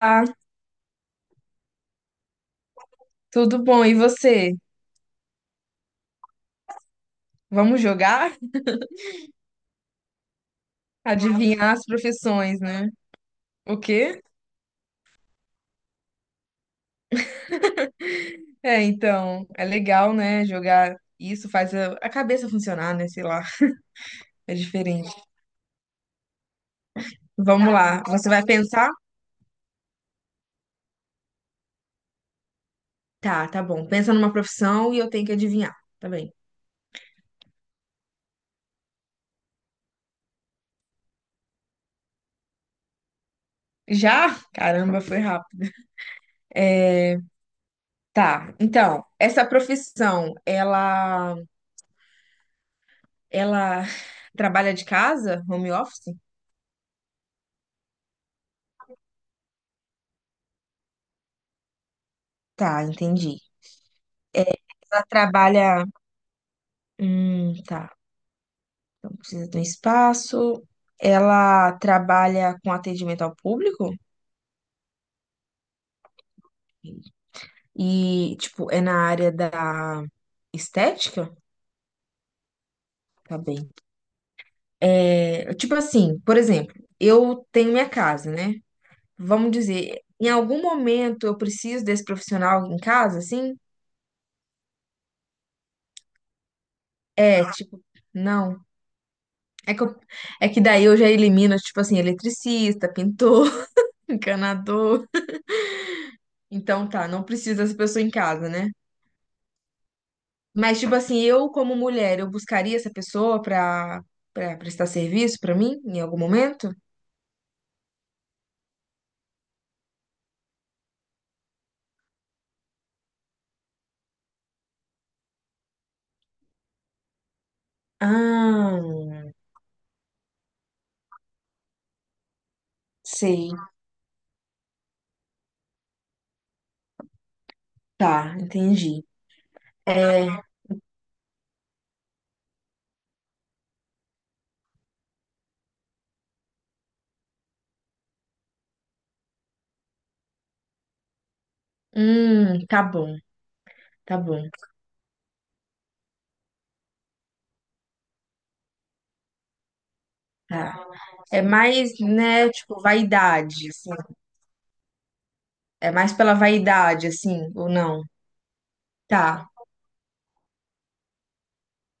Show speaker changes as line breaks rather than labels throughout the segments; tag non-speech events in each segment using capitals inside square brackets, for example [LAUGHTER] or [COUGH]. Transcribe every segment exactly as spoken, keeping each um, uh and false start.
Ah, tudo bom. E você? Vamos jogar? Adivinhar as profissões, né? O quê? É, então, é legal, né? Jogar isso faz a, a cabeça funcionar, né? Sei lá, é diferente. Vamos tá, lá. Você vai pensar? Tá, tá bom. Pensa numa profissão e eu tenho que adivinhar. Tá bem. Já? Caramba, foi rápido. Tá. Então, essa profissão, ela ela [SIGHS] trabalha de casa, home office? Tá, entendi. É, ela trabalha, hum, tá. Então, precisa de um espaço. Ela trabalha com atendimento ao público e, tipo, é na área da estética? Tá bem. É, tipo assim, por exemplo, eu tenho minha casa, né? Vamos dizer, em algum momento eu preciso desse profissional em casa, assim? É, tipo, não. É que, eu- é que daí eu já elimino, tipo assim, eletricista, pintor, [LAUGHS] encanador. Então tá, não precisa dessa pessoa em casa, né? Mas, tipo assim, eu, como mulher, eu buscaria essa pessoa pra, pra prestar serviço pra mim em algum momento? Ah, sei. Tá, entendi. É, hum, tá bom, tá bom, tá. É mais, né, tipo, vaidade, assim. É mais pela vaidade, assim, ou não? Tá,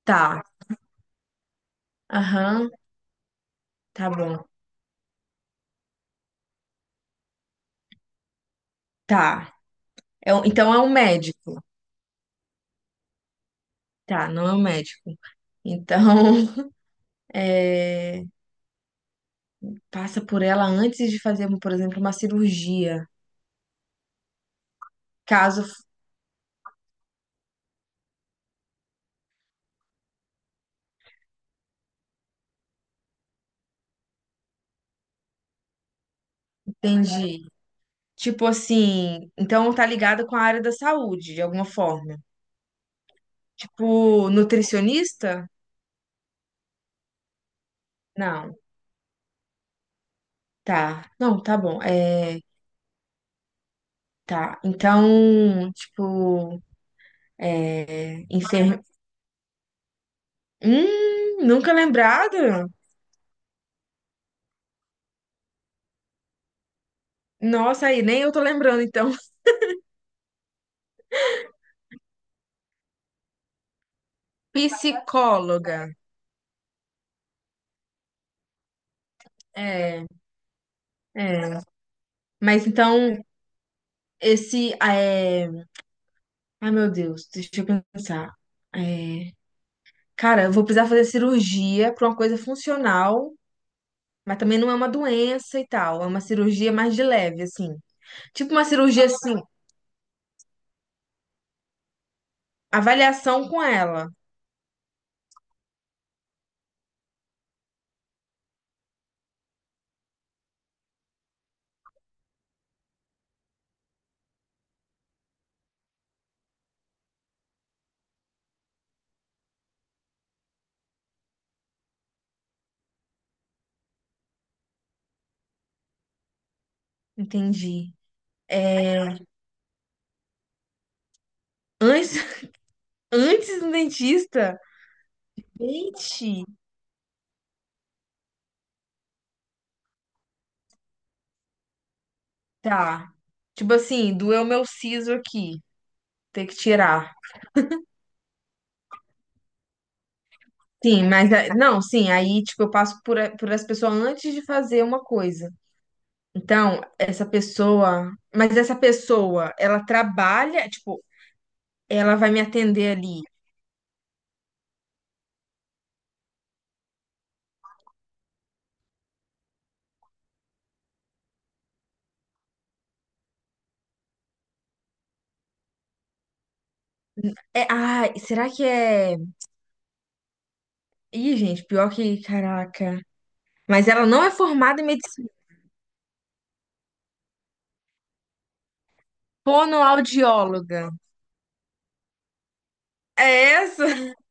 tá. Aham, tá bom, tá. É um- então é um médico. Tá, não é um médico. Então, [LAUGHS] é, passa por ela antes de fazer, por exemplo, uma cirurgia. Caso, entendi. Tipo assim, então tá ligado com a área da saúde, de alguma forma. Tipo, nutricionista? Não, tá. Não, tá bom. É, tá. Então, tipo, é, enfer... Hum, nunca lembrado? Nossa, aí, nem eu tô lembrando, então. [LAUGHS] Psicóloga. É, é. Mas então, esse, é... Ai, meu Deus, deixa eu pensar. É... cara, eu vou precisar fazer cirurgia pra uma coisa funcional, mas também não é uma doença e tal. É uma cirurgia mais de leve, assim. Tipo uma cirurgia, assim, avaliação com ela. Entendi. É, antes, [LAUGHS] antes do dentista? Gente, tá. Tipo assim, doeu meu siso aqui, ter que tirar. Sim, mas a- não, sim, aí tipo eu passo por, a- por essa pessoa antes de fazer uma coisa. Então, essa pessoa, mas essa pessoa, ela trabalha, tipo, ela vai me atender ali. É, ah, será que é. Ih, gente, pior que. Caraca. Mas ela não é formada em medicina. Fonoaudióloga. É essa? [LAUGHS]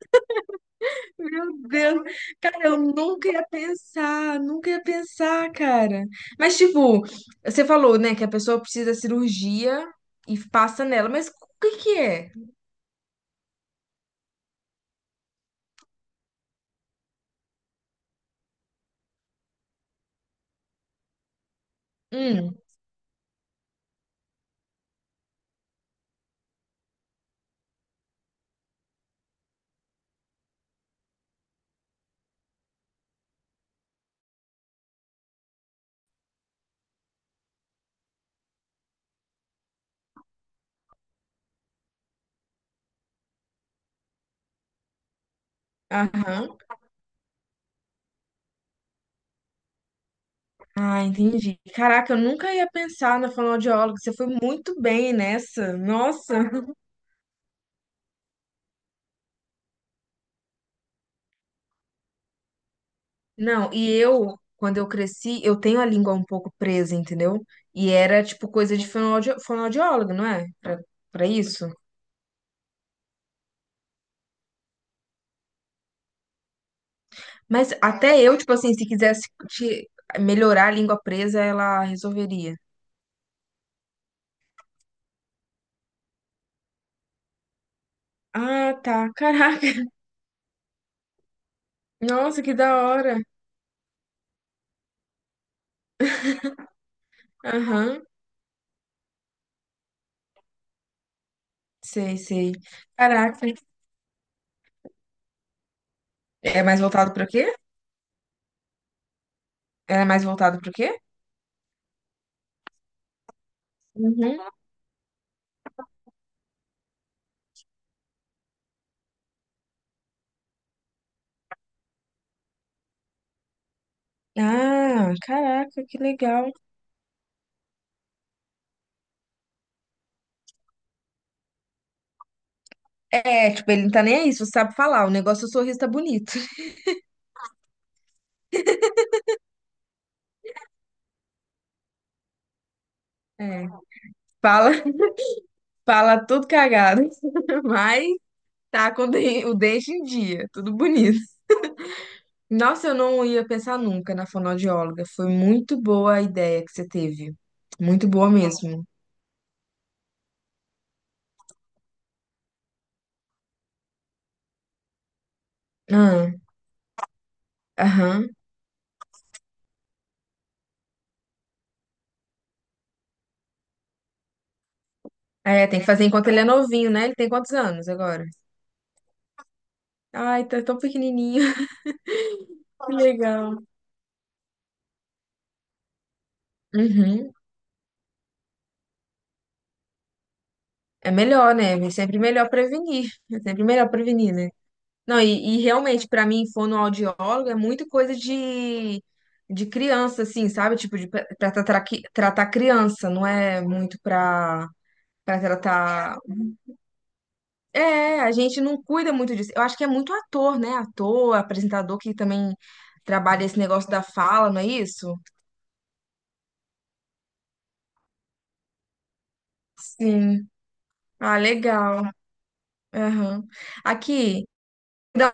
Meu Deus. Cara, eu nunca ia pensar. Nunca ia pensar, cara. Mas, tipo, você falou, né, que a pessoa precisa da cirurgia e passa nela. Mas o que que é? Hum, aham. Ah, entendi. Caraca, eu nunca ia pensar na fonoaudióloga. Você foi muito bem nessa. Nossa. Não, e eu, quando eu cresci, eu tenho a língua um pouco presa, entendeu? E era, tipo, coisa de fonoaudio fonoaudiólogo, não é? Pra, pra isso. Mas até eu, tipo assim, se quisesse te- melhorar a língua presa, ela resolveria. Ah, tá. Caraca. [LAUGHS] Nossa, que da hora. Aham. Sei, sei. Caraca. É mais voltado pro quê? É mais voltado pro quê? Uhum. Ah, caraca, que legal. É, tipo, ele não tá nem aí, se você sabe falar. O negócio, é o sorriso tá bonito. É. Fala. Fala tudo cagado, [LAUGHS] mas tá com o den- o dente em dia, tudo bonito. Nossa, eu não ia pensar nunca na fonoaudióloga. Foi muito boa a ideia que você teve. Muito boa mesmo. Ah, aham. É, tem que fazer enquanto ele é novinho, né? Ele tem quantos anos agora? Ai, tá tão pequenininho. [LAUGHS] Que legal. Uhum. É melhor, né? É sempre melhor prevenir. É sempre melhor prevenir, né? Não, e, e realmente, para mim, fonoaudiólogo é muito coisa de, de criança, assim, sabe? Tipo, de, pra, pra tratar, qui- tratar criança, não é muito pra, pra tratar. É, a gente não cuida muito disso. Eu acho que é muito ator, né? Ator, apresentador que também trabalha esse negócio da fala, não é isso? Sim. Ah, legal. Aham. Aqui, Dani,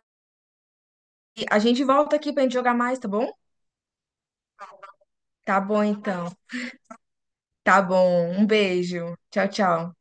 a gente volta aqui pra gente jogar mais, tá bom? Tá bom, então. Tá bom. Um beijo. Tchau, tchau.